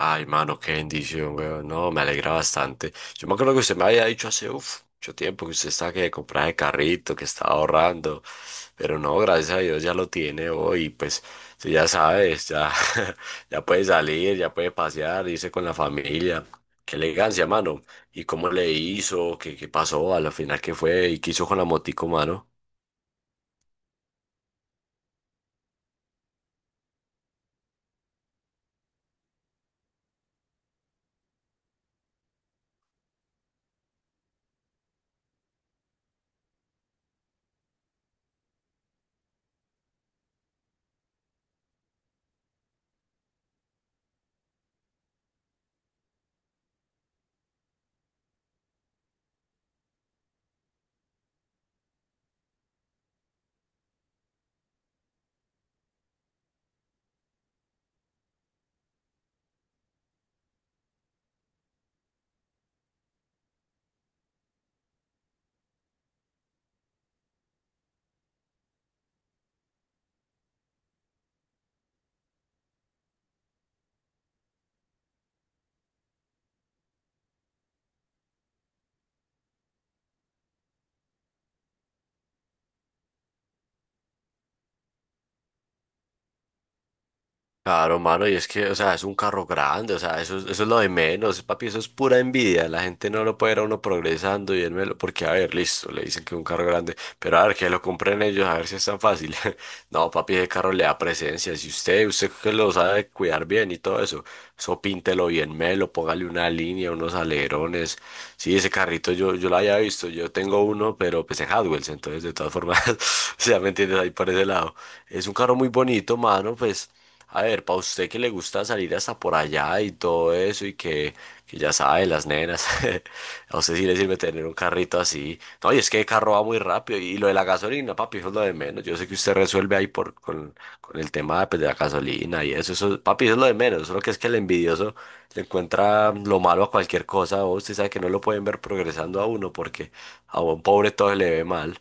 Ay, mano, qué bendición, weón. No, me alegra bastante. Yo me acuerdo que usted me había dicho hace mucho tiempo que usted estaba que compraba de carrito, que estaba ahorrando. Pero no, gracias a Dios ya lo tiene hoy. Pues tú ya sabes, ya, ya puede salir, ya puede pasear, irse con la familia. Qué elegancia, mano. ¿Y cómo le hizo? ¿Qué, qué pasó? A la final, ¿qué fue? ¿Y qué hizo con la motico, mano? Claro, mano, y es que, o sea, es un carro grande, o sea, eso, eso es lo de menos, papi, eso es pura envidia, la gente no lo puede ver a uno progresando y él me lo, porque, a ver, listo, le dicen que es un carro grande, pero a ver, que lo compren ellos, a ver si es tan fácil. No, papi, ese carro le da presencia, si usted que lo sabe cuidar bien y todo eso, eso píntelo bien, melo, póngale una línea, unos alerones, sí, ese carrito yo lo había visto, yo tengo uno, pero pues en Hadwells, entonces, de todas formas, o sea, ¿me entiendes? Ahí por ese lado. Es un carro muy bonito, mano, pues... A ver, para usted que le gusta salir hasta por allá y todo eso y que ya sabe, las nenas, a usted sí le sirve tener un carrito así. No, y es que el carro va muy rápido y lo de la gasolina, papi, eso es lo de menos. Yo sé que usted resuelve ahí por, con el tema pues, de la gasolina y eso, papi, eso es lo de menos. Solo que es que el envidioso le encuentra lo malo a cualquier cosa. O Usted sabe que no lo pueden ver progresando a uno porque a un pobre todo se le ve mal.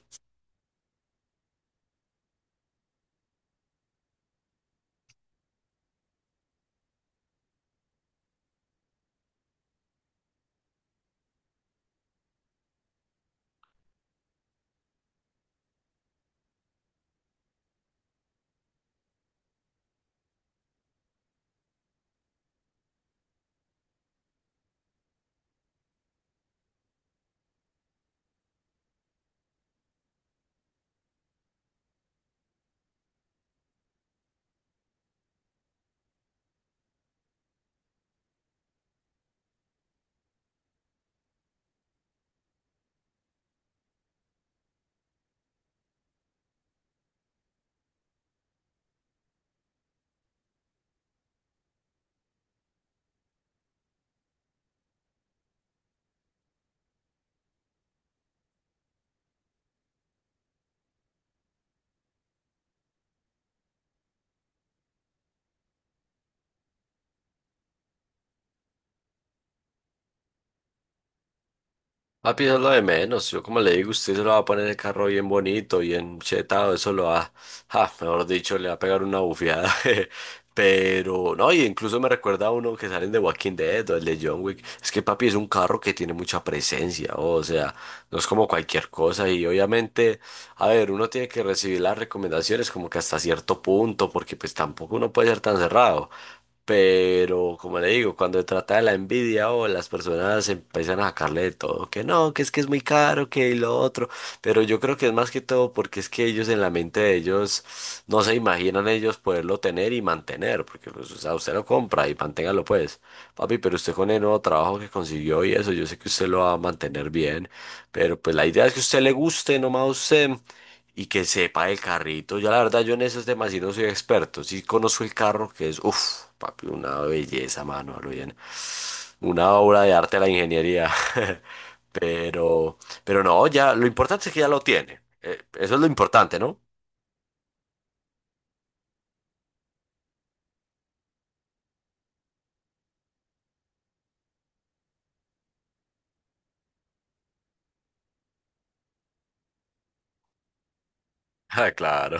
Papi, eso es lo de menos. Yo como le digo, usted se lo va a poner el carro bien bonito, bien chetado, eso lo va, ja, mejor dicho, le va a pegar una bufiada. Jeje. Pero, no, y incluso me recuerda a uno que salen de Walking Dead o el de John Wick. Es que papi es un carro que tiene mucha presencia, oh, o sea, no es como cualquier cosa. Y obviamente, a ver, uno tiene que recibir las recomendaciones como que hasta cierto punto, porque pues tampoco uno puede ser tan cerrado. Pero, como le digo, cuando se trata de la envidia o las personas empiezan a sacarle de todo, que no, que es muy caro, que lo otro, pero yo creo que es más que todo porque es que ellos en la mente de ellos no se imaginan ellos poderlo tener y mantener, porque pues, o sea, usted lo compra y manténgalo pues, papi, pero usted con el nuevo trabajo que consiguió y eso, yo sé que usted lo va a mantener bien, pero pues la idea es que a usted le guste, nomás a usted, y que sepa el carrito. Yo la verdad, yo en esos temas sí no soy experto. Sí conozco el carro, que es, uff, papi, una belleza, mano, a lo bien. Una obra de arte de la ingeniería. Pero, pero no, ya, lo importante es que ya lo tiene. Eso es lo importante, ¿no? Ah, claro.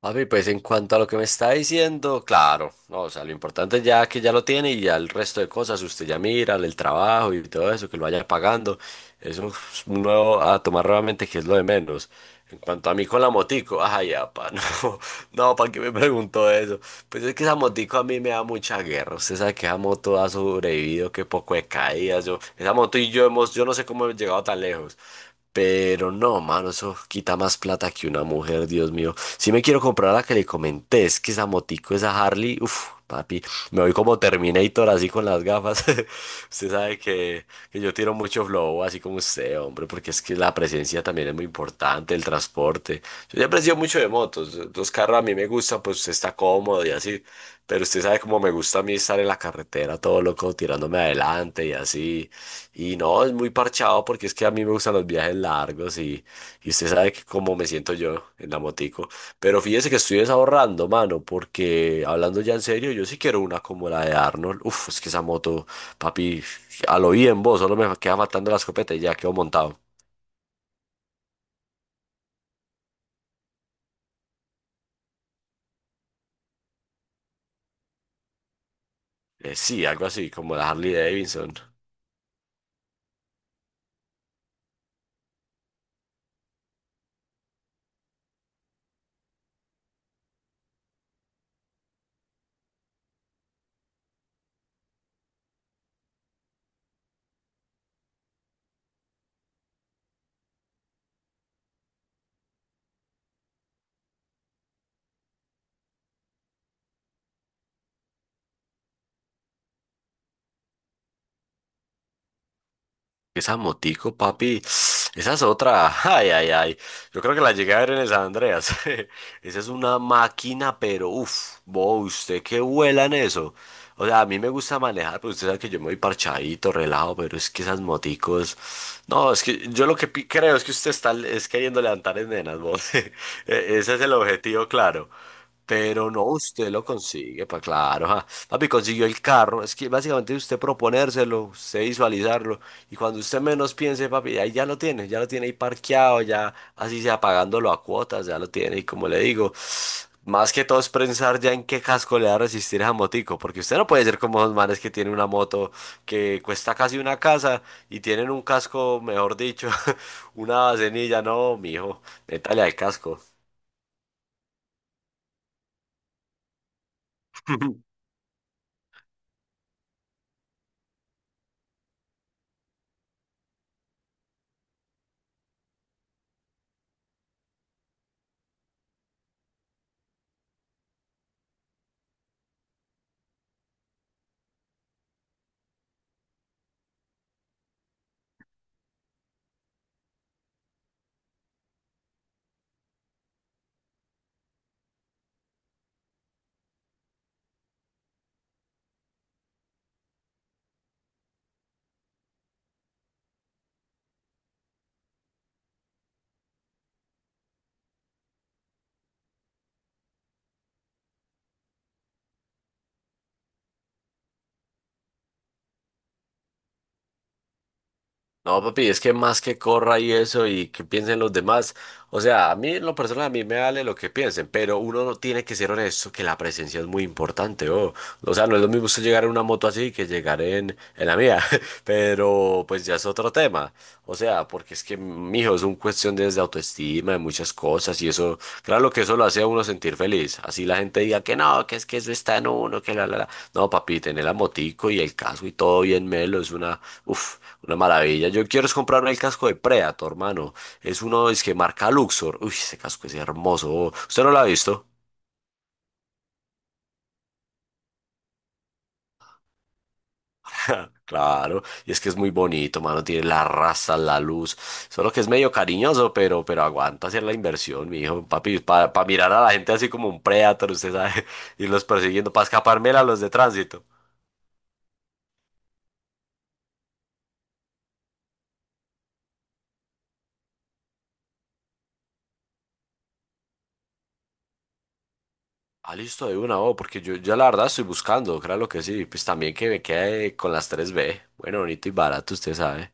Papi, pues en cuanto a lo que me está diciendo, claro, no, o sea, lo importante ya que ya lo tiene y ya el resto de cosas, usted ya mira el trabajo y todo eso, que lo vaya pagando, eso es un nuevo a tomar nuevamente que es lo de menos. En cuanto a mí con la motico, ay, apa, no, no, ¿para qué me preguntó eso? Pues es que esa motico a mí me da mucha guerra, usted sabe que esa moto ha sobrevivido, que poco de caídas, yo, esa moto y yo hemos, yo no sé cómo hemos llegado tan lejos. Pero no, mano, eso quita más plata que una mujer, Dios mío. Si me quiero comprar la que le comenté, es que esa motico, esa Harley, uff, papi, me voy como Terminator así con las gafas. Usted sabe que yo tiro mucho flow, así como usted, hombre, porque es que la presencia también es muy importante, el transporte. Yo siempre he sido mucho de motos, los carros a mí me gustan, pues usted está cómodo y así, pero usted sabe cómo me gusta a mí estar en la carretera todo loco, tirándome adelante y así. Y no, es muy parchado porque es que a mí me gustan los viajes largos y usted sabe que cómo me siento yo en la motico. Pero fíjese que estoy desahorrando, mano, porque hablando ya en serio, yo sí quiero una como la de Arnold. Uf, es que esa moto, papi, a lo bien vos, solo me queda faltando la escopeta y ya quedo montado. Sí, algo así como la Harley Davidson. Esa motico, papi, esa es otra. Ay, ay, ay. Yo creo que la llegué a ver en el San Andreas. Esa es una máquina, pero uff, vos, usted que vuela en eso. O sea, a mí me gusta manejar, pero usted sabe que yo me voy parchadito, relajado, pero es que esas moticos. No, es que yo lo que creo es que usted está es queriendo levantar en nenas, vos. Ese es el objetivo, claro. Pero no, usted lo consigue, pues claro, ja. Papi consiguió el carro, es que básicamente usted proponérselo, usted visualizarlo, y cuando usted menos piense, papi, ahí ya lo tiene ahí parqueado, ya así sea pagándolo a cuotas, ya lo tiene. Y como le digo, más que todo es pensar ya en qué casco le va a resistir esa motico, porque usted no puede ser como los manes que tienen una moto que cuesta casi una casa y tienen un casco, mejor dicho, una cenilla, no, mijo, métale al casco. No, papi, es que más que corra y eso y que piensen los demás. O sea, a mí en lo personal a mí me vale lo que piensen, pero uno no tiene que ser honesto que la presencia es muy importante, oh. O sea, no es lo mismo usted llegar en una moto así que llegar en la mía, pero pues ya es otro tema. O sea, porque es que, mijo, es un cuestión desde autoestima, de muchas cosas y eso, claro que eso lo hace a uno sentir feliz. Así la gente diga que no, que es que eso está en uno, que la. No, papi, tener la motico y el casco y todo bien melo es una, uff, una maravilla. Yo quiero es comprarme el casco de Predator, hermano. Es uno, es que marca Luxor. Uy, ese casco es hermoso. ¿Usted no lo ha visto? Claro, y es que es muy bonito, mano. Tiene la raza, la luz. Solo que es medio cariñoso, pero aguanta hacer la inversión, mi hijo. Papi, para mirar a la gente así como un predator, usted sabe, irlos persiguiendo, para escapármela a los de tránsito. Ah, listo, de una, oh, porque yo la verdad estoy buscando, claro que sí. Pues también que me quede con las tres b. Bueno, bonito y barato, usted sabe.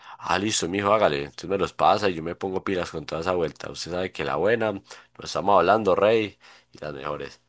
Ah, listo, mijo, hágale. Entonces me los pasa y yo me pongo pilas con toda esa vuelta. Usted sabe que la buena, nos estamos hablando, rey, y las mejores.